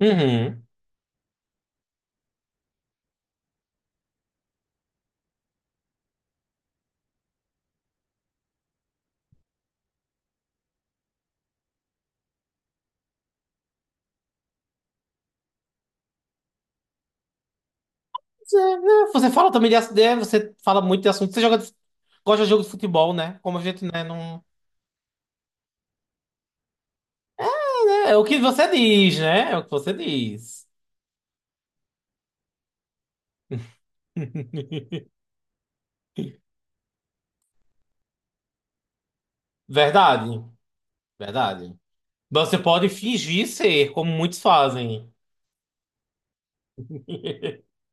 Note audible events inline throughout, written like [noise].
Uhum. Você, né, você fala também de assunto, você fala muito de assunto. Você joga, gosta de jogo de futebol, né? Como a gente, né, não... É, é o que você diz, né? É o que você diz. [laughs] Verdade, verdade. Você pode fingir ser, como muitos fazem. [laughs]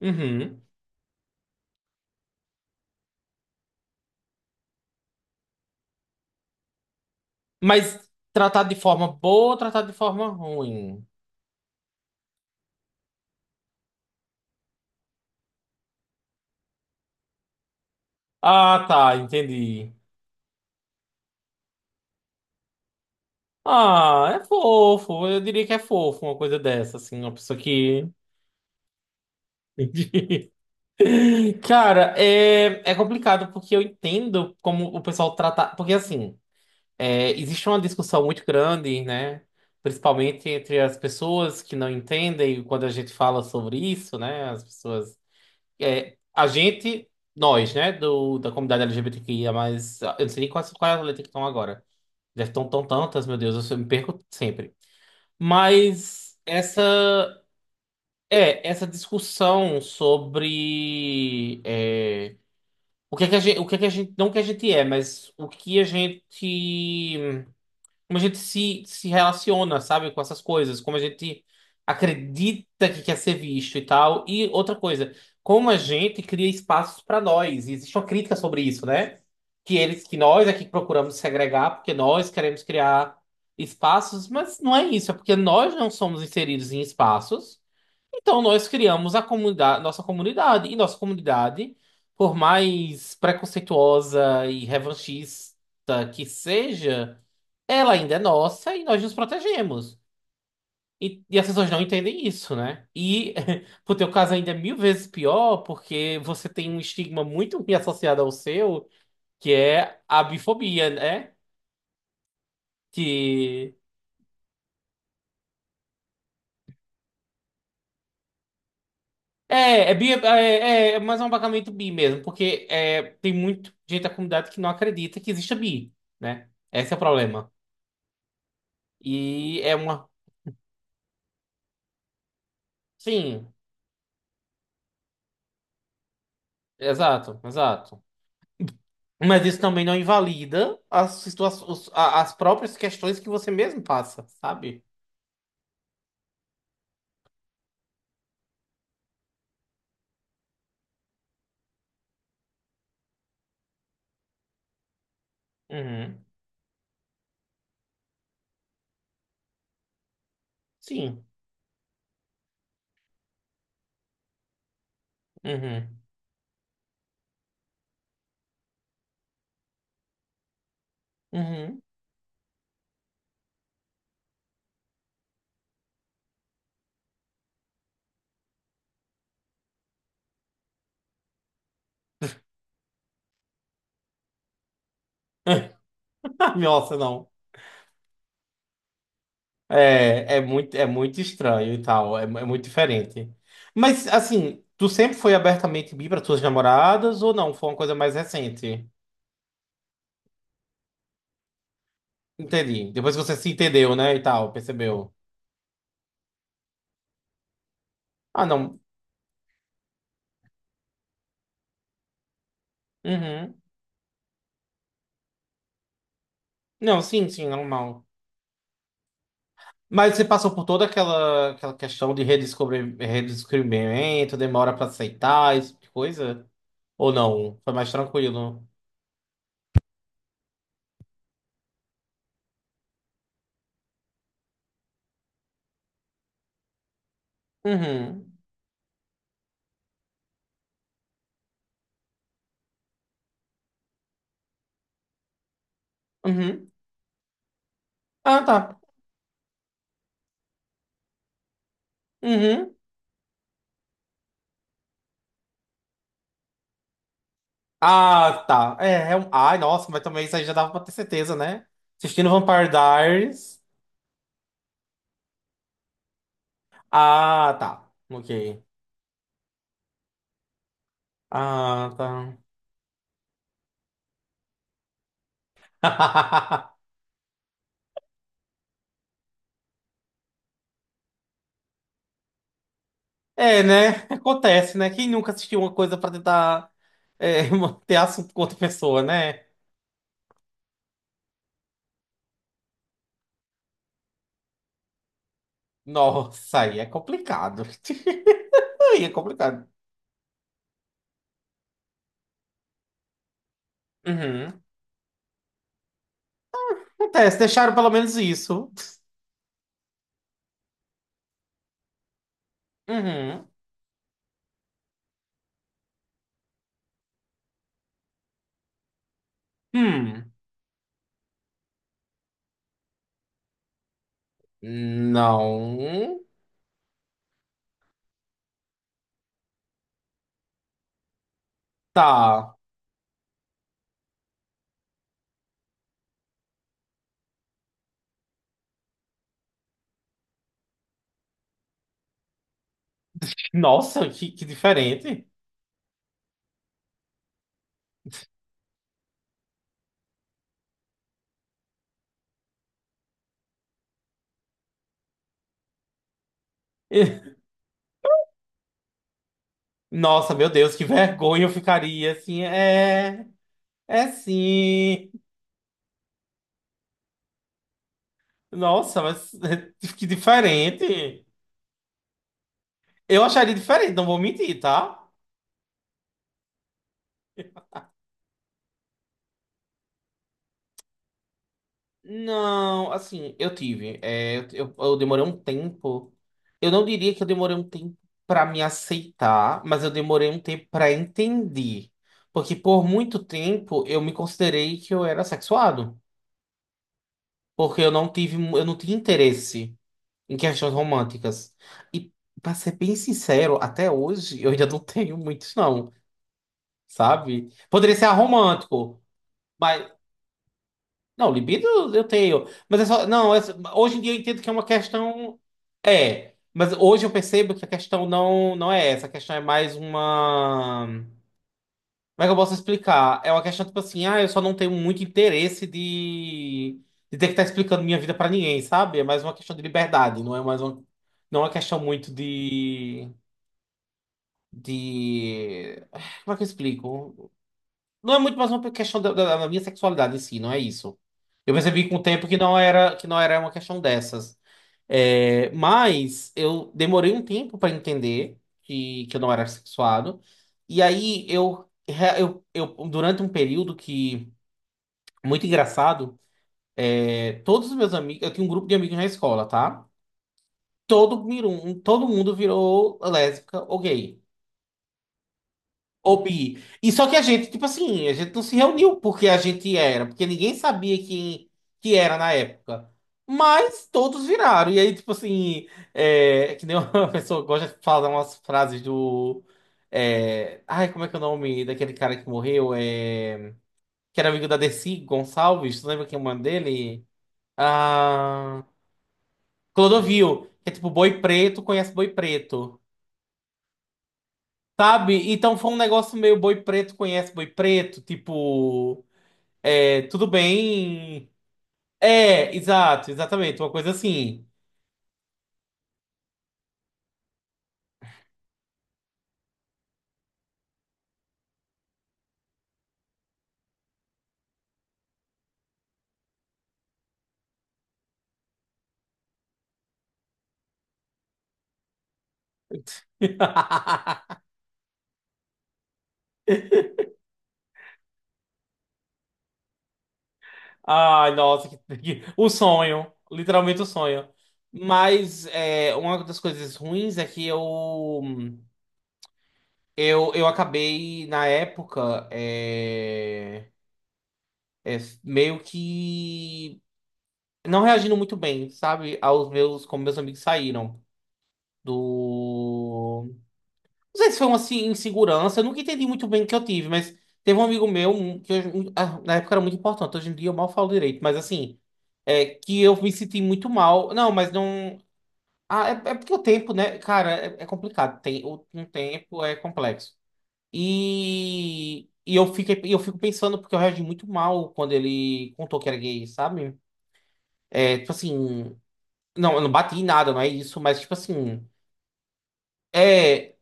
Uhum. Mas tratado de forma boa ou tratado de forma ruim? Ah, tá, entendi. Ah, é fofo. Eu diria que é fofo uma coisa dessa, assim, uma pessoa que. [laughs] Cara, é complicado porque eu entendo como o pessoal trata. Porque, assim, existe uma discussão muito grande, né? Principalmente entre as pessoas que não entendem quando a gente fala sobre isso, né? As pessoas. A gente, nós, né? Da comunidade LGBTQIA, mas eu não sei nem quais, quais as letras que estão agora. Já estão tão tantas, meu Deus, eu me perco sempre. Mas essa. É, essa discussão sobre. O que é que a gente, o que é que a gente, não o que a gente é, mas o que a gente, como a gente se relaciona, sabe, com essas coisas, como a gente acredita que quer ser visto e tal. E outra coisa, como a gente cria espaços para nós. E existe uma crítica sobre isso, né? Que eles, que nós aqui procuramos segregar porque nós queremos criar espaços, mas não é isso, é porque nós não somos inseridos em espaços. Então, nós criamos a comunidade, nossa comunidade. E nossa comunidade, por mais preconceituosa e revanchista que seja, ela ainda é nossa e nós nos protegemos. E as pessoas não entendem isso, né? E [laughs] pro teu caso ainda é mil vezes pior, porque você tem um estigma muito ruim associado ao seu, que é a bifobia, né? É, é bi, é, é mais um abagamento bi mesmo, porque é, tem muita gente da comunidade que não acredita que exista bi, né? Esse é o problema. E é uma. Sim, exato, exato. Mas isso também não invalida as próprias questões que você mesmo passa, sabe? Uhum. Sim. Uhum. Uhum. [laughs] Nossa, não. É, é muito estranho e tal, é, é muito diferente. Mas, assim, tu sempre foi abertamente bi para tuas namoradas ou não? Foi uma coisa mais recente? Entendi. Depois que você se entendeu, né, e tal, percebeu. Ah, não. Uhum. Não, sim, sim, normal. Mas você passou por toda aquela, aquela questão de redescobrir, redescobrimento, demora para aceitar, esse tipo de coisa? Ou não? Foi mais tranquilo? Uhum. Uhum. Ah, tá. Uhum. Ah, tá. É, é um... Ai, nossa, mas também isso aí já dava pra ter certeza, né? Assistindo Vampire Diaries. Ah, tá. Ok. Ah, tá. [laughs] É, né? Acontece, né? Quem nunca assistiu uma coisa pra tentar [laughs] manter assunto com outra pessoa, né? Nossa, aí é complicado. [laughs] Aí é complicado. Uhum. Acontece, deixaram pelo menos isso. Uhum. Hum. Não. Tá. Nossa, que diferente. [laughs] Nossa, meu Deus, que vergonha eu ficaria assim. É, é sim. Nossa, mas [laughs] que diferente. Eu acharia diferente, não vou mentir, tá? Não, assim, eu tive. Eu demorei um tempo. Eu não diria que eu demorei um tempo pra me aceitar, mas eu demorei um tempo pra entender. Porque por muito tempo eu me considerei que eu era sexuado. Porque eu não tive, eu não tinha interesse. Em questões românticas. E, pra ser bem sincero, até hoje eu ainda não [laughs] tenho muitos, não, sabe? Poderia ser aromântico, mas. Não, libido eu tenho. Mas é só. Não, hoje em dia eu entendo que é uma questão. É. Mas hoje eu percebo que a questão não, não é essa. A questão é mais uma. Como é que eu posso explicar? É uma questão tipo assim, ah, eu só não tenho muito interesse de ter que estar explicando minha vida pra ninguém, sabe? É mais uma questão de liberdade, não é mais uma, não é uma questão muito de. De. Como é que eu explico? Não é muito mais uma questão da minha sexualidade em si, não é isso. Eu percebi com o tempo que não era uma questão dessas. É, mas eu demorei um tempo para entender que eu não era sexuado. E aí eu durante um período que muito engraçado, é, todos os meus amigos, eu tinha um grupo de amigos na escola, tá? Todo, todo mundo virou lésbica ou gay. Ô, bi. E só que a gente, tipo assim, a gente não se reuniu porque a gente era, porque ninguém sabia quem que era na época. Mas todos viraram. E aí, tipo assim, é, é que nem uma [laughs] pessoa gosta de falar umas frases do. É, ai, como é que é o nome daquele cara que morreu? É, que era amigo da Dercy Gonçalves, tu lembra quem é o nome dele? Ah, Clodovil, que é tipo boi preto, conhece boi preto. Sabe? Então foi um negócio meio boi preto conhece boi preto, tipo. É, tudo bem. É, exato, exatamente, uma coisa assim. [laughs] Ai, nossa, que, o sonho, literalmente o sonho. Mas é, uma das coisas ruins é que eu acabei na época é, meio que não reagindo muito bem, sabe, aos meus como meus amigos saíram do. Não sei se foi uma assim, insegurança, eu nunca entendi muito bem o que eu tive, mas teve um amigo meu, um, que um, ah, na época era muito importante, hoje em dia eu mal falo direito, mas assim, é, que eu me senti muito mal. Não, mas não. Ah, é, é porque o tempo, né? Cara, é, é complicado. Tem, o, um tempo é complexo. E eu fiquei, eu fico pensando, porque eu reagi muito mal quando ele contou que era gay, sabe? É, tipo assim. Não, eu não bati em nada, não é isso, mas tipo assim. É.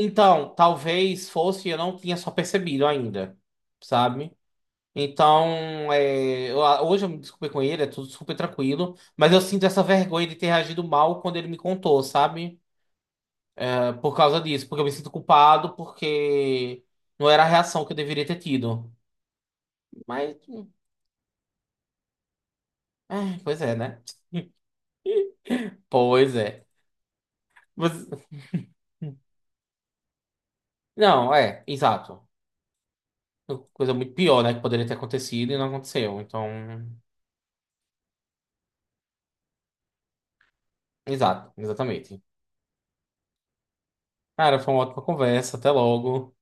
Então, talvez fosse, eu não tinha só percebido ainda, sabe? Então, hoje eu me desculpei com ele, é tudo super tranquilo, mas eu sinto essa vergonha de ter reagido mal quando ele me contou, sabe? É, por causa disso, porque eu me sinto culpado, porque não era a reação que eu deveria ter tido. Mas, é, pois é, né? Pois é. Mas- não, é, exato. Coisa muito pior, né, que poderia ter acontecido e não aconteceu. Então, exato, exatamente. Cara, foi uma ótima conversa. Até logo.